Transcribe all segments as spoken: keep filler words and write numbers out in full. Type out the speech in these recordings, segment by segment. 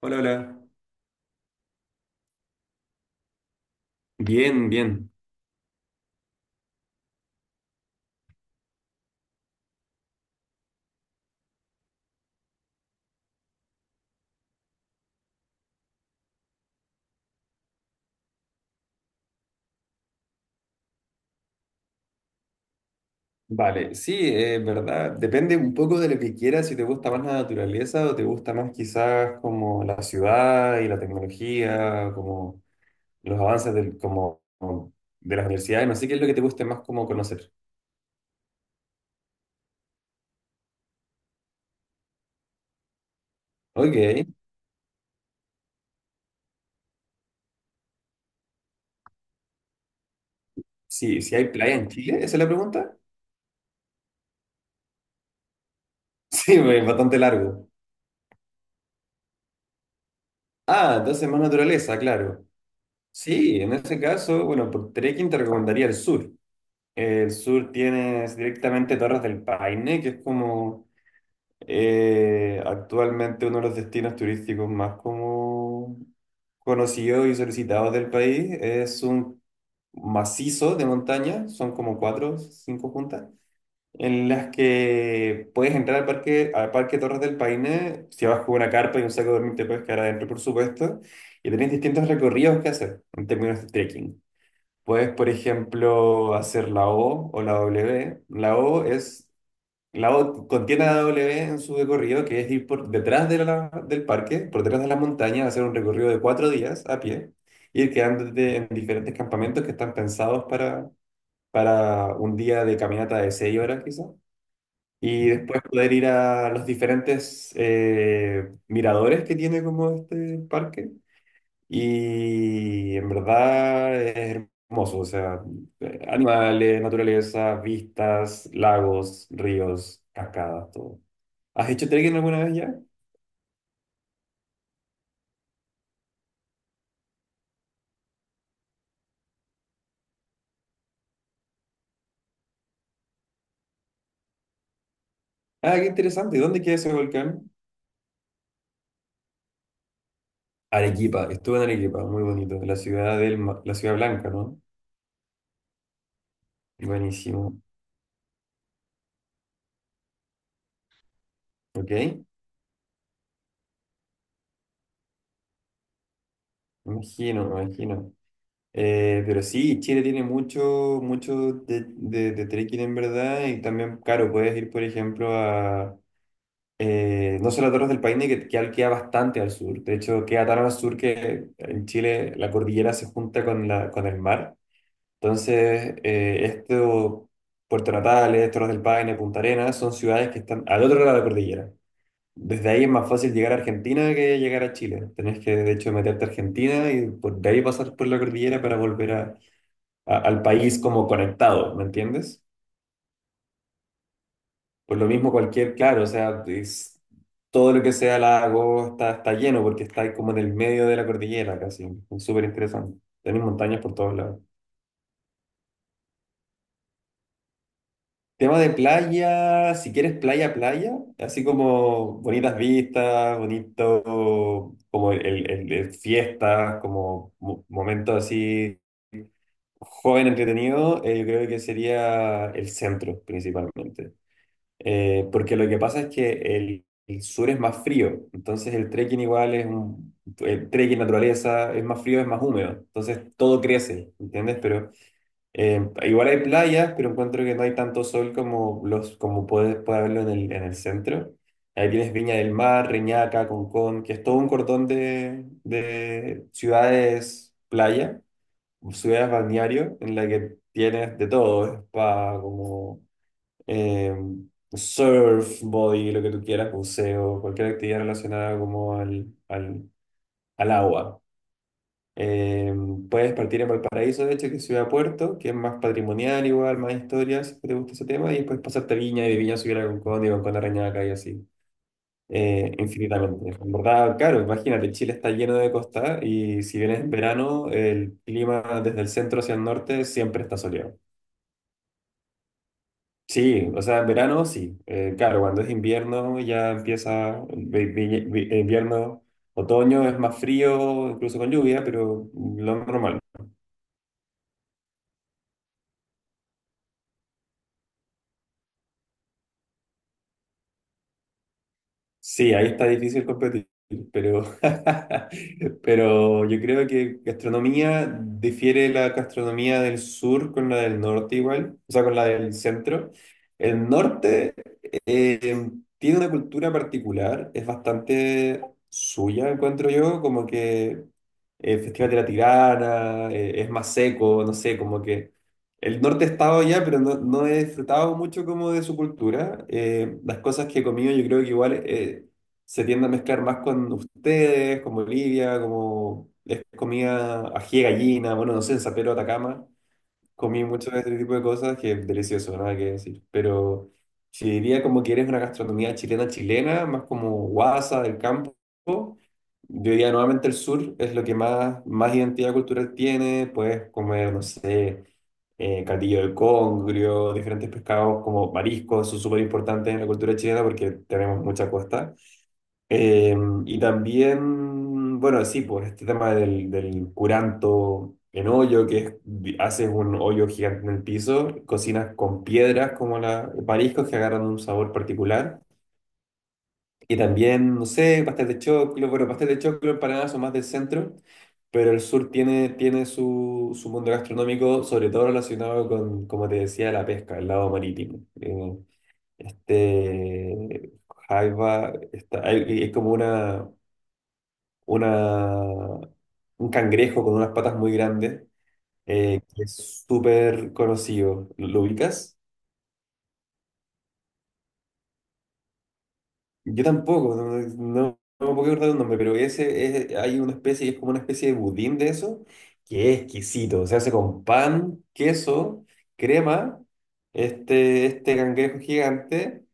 Hola, hola. Bien, bien. Vale, sí, es verdad. Depende un poco de lo que quieras, si te gusta más la naturaleza o te gusta más quizás como la ciudad y la tecnología, como los avances del, como, como de las universidades. No sé qué es lo que te guste más como conocer. Ok, sí, si hay playa en Chile, ¿esa es la pregunta? Sí, es bastante largo. Ah, entonces más naturaleza, claro. Sí, en ese caso, bueno, por trekking te recomendaría el sur. El sur tienes directamente Torres del Paine, que es como eh, actualmente uno de los destinos turísticos más como conocidos y solicitados del país. Es un macizo de montaña, son como cuatro, cinco juntas, en las que puedes entrar al parque, al parque Torres del Paine. Si vas con una carpa y un saco de dormir te puedes quedar adentro, por supuesto, y tenés distintos recorridos que hacer en términos de trekking. Puedes, por ejemplo, hacer la O o la W. La O es, la O contiene la W en su recorrido, que es ir por detrás de la- del parque, por detrás de la montaña, hacer un recorrido de cuatro días a pie, ir quedándote en diferentes campamentos que están pensados para, para un día de caminata de seis horas quizás. Y después poder ir a los diferentes eh, miradores que tiene como este parque y en verdad es hermoso. O sea, eh, animales, naturaleza, vistas, lagos, ríos, cascadas, todo. ¿Has hecho trekking alguna vez ya? Ah, qué interesante. ¿Y dónde queda ese volcán? Arequipa, estuve en Arequipa, muy bonito. La ciudad del, ma- la ciudad blanca, ¿no? Buenísimo. ¿Ok? Imagino, imagino. Eh, pero sí, Chile tiene mucho, mucho de, de, de trekking en verdad y también, claro, puedes ir, por ejemplo, a, Eh, no solo Torres del Paine, que, que queda bastante al sur. De hecho, queda tan al sur que en Chile la cordillera se junta con, la, con el mar. Entonces, eh, esto, Puerto Natales, Torres del Paine, Punta Arenas, son ciudades que están al otro lado de la cordillera. Desde ahí es más fácil llegar a Argentina que llegar a Chile. Tenés que, de hecho, meterte a Argentina y por, de ahí pasar por la cordillera para volver a- a- al país como conectado, ¿me entiendes? Por lo mismo cualquier, claro, o sea, es, todo lo que sea lago está, está lleno porque está ahí como en el medio de la cordillera casi. Es súper interesante. Tenés montañas por todos lados. Tema de playa, si quieres playa, playa, así como bonitas vistas, bonito, como el, el, el- el fiestas, como mo- momentos así joven entretenido. Eh, yo creo que sería el centro principalmente. Eh, porque lo que pasa es que el, el sur es más frío, entonces el trekking igual es un... El trekking naturaleza es más frío, es más húmedo, entonces todo crece, ¿entiendes? Pero eh, igual hay playas, pero encuentro que no hay tanto sol como, los, como puedes, puede haberlo en el, en el centro. Ahí tienes Viña del Mar, Reñaca, Concón, que es todo un cordón de, de ciudades playa, ciudades balneario, en la que tienes de todo. Es para como eh, surf, body, lo que tú quieras, buceo, cualquier actividad relacionada como al, al, al agua. Eh, puedes partir a Valparaíso, de hecho, que es ciudad puerto, que es más patrimonial igual, más historias, si te gusta ese tema, y después pasarte a Viña y de Viña subir a Concón y Concón a Reñaca y así, eh, infinitamente. En verdad, claro, imagínate, Chile está lleno de costa y si vienes en verano, el clima desde el centro hacia el norte siempre está soleado. Sí, o sea, en verano sí. Eh, claro, cuando es invierno ya empieza, vi- vi- vi- invierno, otoño es más frío, incluso con lluvia, pero lo normal. Sí, ahí está difícil competir, pero pero yo creo que gastronomía difiere la gastronomía del sur con la del norte igual, o sea, con la del centro. El norte eh, tiene una cultura particular, es bastante suya, encuentro yo, como que el Festival de la Tirana eh, es más seco, no sé, como que... El norte he estado ya, pero no, no he disfrutado mucho como de su cultura. Eh, las cosas que he comido yo creo que igual eh, se tiende a mezclar más con ustedes, como Bolivia, como es comida ají de gallina. Bueno, no sé, en San Pedro de Atacama comí mucho de este tipo de cosas que es delicioso, nada que decir. Pero si diría como que eres una gastronomía chilena chilena, más como guasa del campo, yo diría nuevamente el sur es lo que más, más identidad cultural tiene. Puedes comer, no sé, eh, catillo del congrio, diferentes pescados como mariscos, son súper importantes en la cultura chilena porque tenemos mucha costa. Eh, y también, bueno, sí, pues este tema del, del curanto en hoyo, que es, di- haces un hoyo gigante en el piso, cocinas con piedras como la, mariscos que agarran un sabor particular. Y también, no sé, pastel de choclo, bueno, pastel de choclo, empanadas son más del centro, pero el sur tiene, tiene, su, su mundo gastronómico, sobre todo relacionado con, como te decía, la pesca, el lado marítimo. Eh, este, Jaiba, está, hay- es como una una, un cangrejo con unas patas muy grandes, eh, que es súper conocido. ¿Lo, lo ubicas? Yo tampoco, no, no- no me puedo acordar el nombre, pero ese es- hay una especie, es como una especie de budín de eso, que es exquisito. Se hace con pan, queso, crema, este, este cangrejo gigante.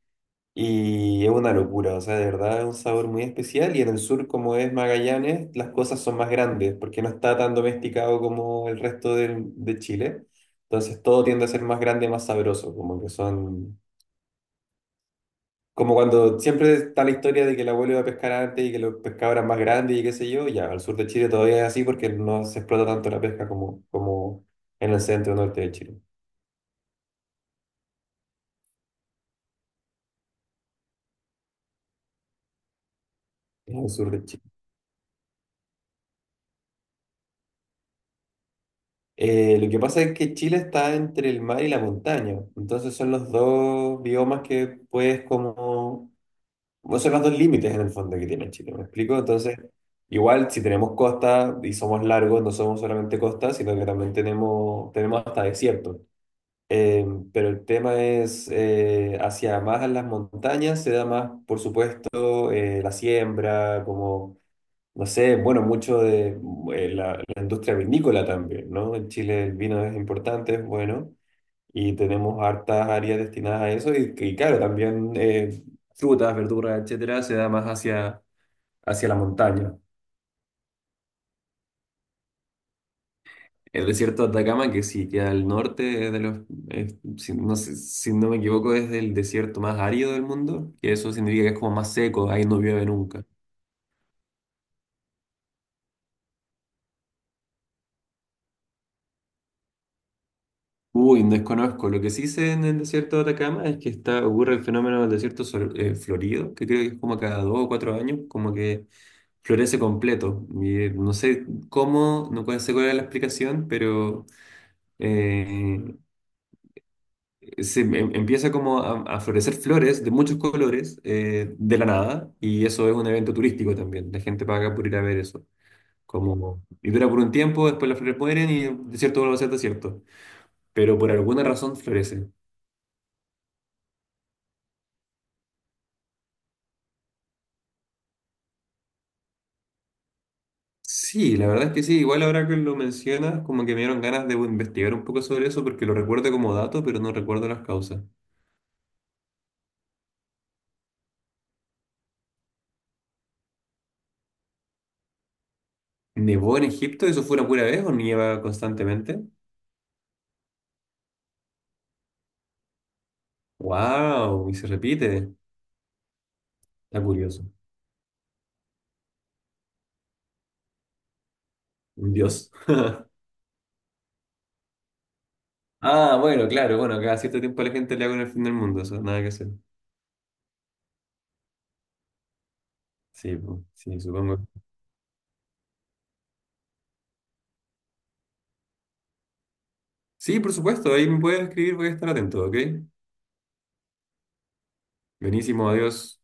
Y es una locura, o sea, de verdad es un sabor muy especial. Y en el sur, como es Magallanes, las cosas son más grandes porque no está tan domesticado como el resto del- de Chile. Entonces todo tiende a ser más grande, más sabroso, como que son... Como cuando siempre está la historia de que el abuelo iba a pescar antes y que los pescados eran más grandes y qué sé yo. Ya, al sur de Chile todavía es así porque no se explota tanto la pesca como, como en el centro norte de Chile, en el sur de Chile. Eh, lo que pasa es que Chile está entre el mar y la montaña, entonces son los dos biomas que puedes como, bueno, son los dos límites en el fondo que tiene Chile, ¿me explico? Entonces, igual si tenemos costa y somos largos, no somos solamente costa, sino que también tenemos, tenemos, hasta desierto. Eh, pero el tema es, eh, hacia más a las montañas se da más, por supuesto, eh, la siembra, como no sé, bueno, mucho de eh, la, la industria vinícola también, ¿no? En Chile el vino es importante, es bueno, y tenemos hartas áreas destinadas a eso, y, y, claro, también eh, frutas, verduras, etcétera, se da más hacia, hacia la montaña. El desierto de Atacama, que sí queda al norte es de los, es- si no sé- si no me equivoco, es el desierto más árido del mundo, que eso significa que es como más seco, ahí no llueve nunca. Uy, desconozco. Lo que sí sé en el desierto de Atacama es que está, ocurre el fenómeno del desierto sol- eh, florido, que creo que es como cada dos o cuatro años, como que florece completo. Y eh, no sé cómo, no puede ser cuál es la explicación, pero eh, se em- empieza como a, a florecer flores de muchos colores eh, de la nada, y eso es un evento turístico también. La gente paga por ir a ver eso. Como, y dura por un tiempo, después las flores mueren y el desierto vuelve a ser desierto. Pero por alguna razón florece. Sí, la verdad es que sí, igual ahora que lo mencionas, como que me dieron ganas de investigar un poco sobre eso porque lo recuerdo como dato, pero no recuerdo las causas. ¿Nevó en Egipto? ¿Eso fue una pura vez o nieva constantemente? ¡Wow! Y se repite. Está curioso. Un dios. Ah, bueno, claro, bueno, cada cierto tiempo la gente le hago en el fin del mundo, eso, nada que hacer. Sí, pues, sí, supongo. Sí, por supuesto, ahí me puedes escribir, voy a estar atento, ¿ok? Buenísimo, adiós.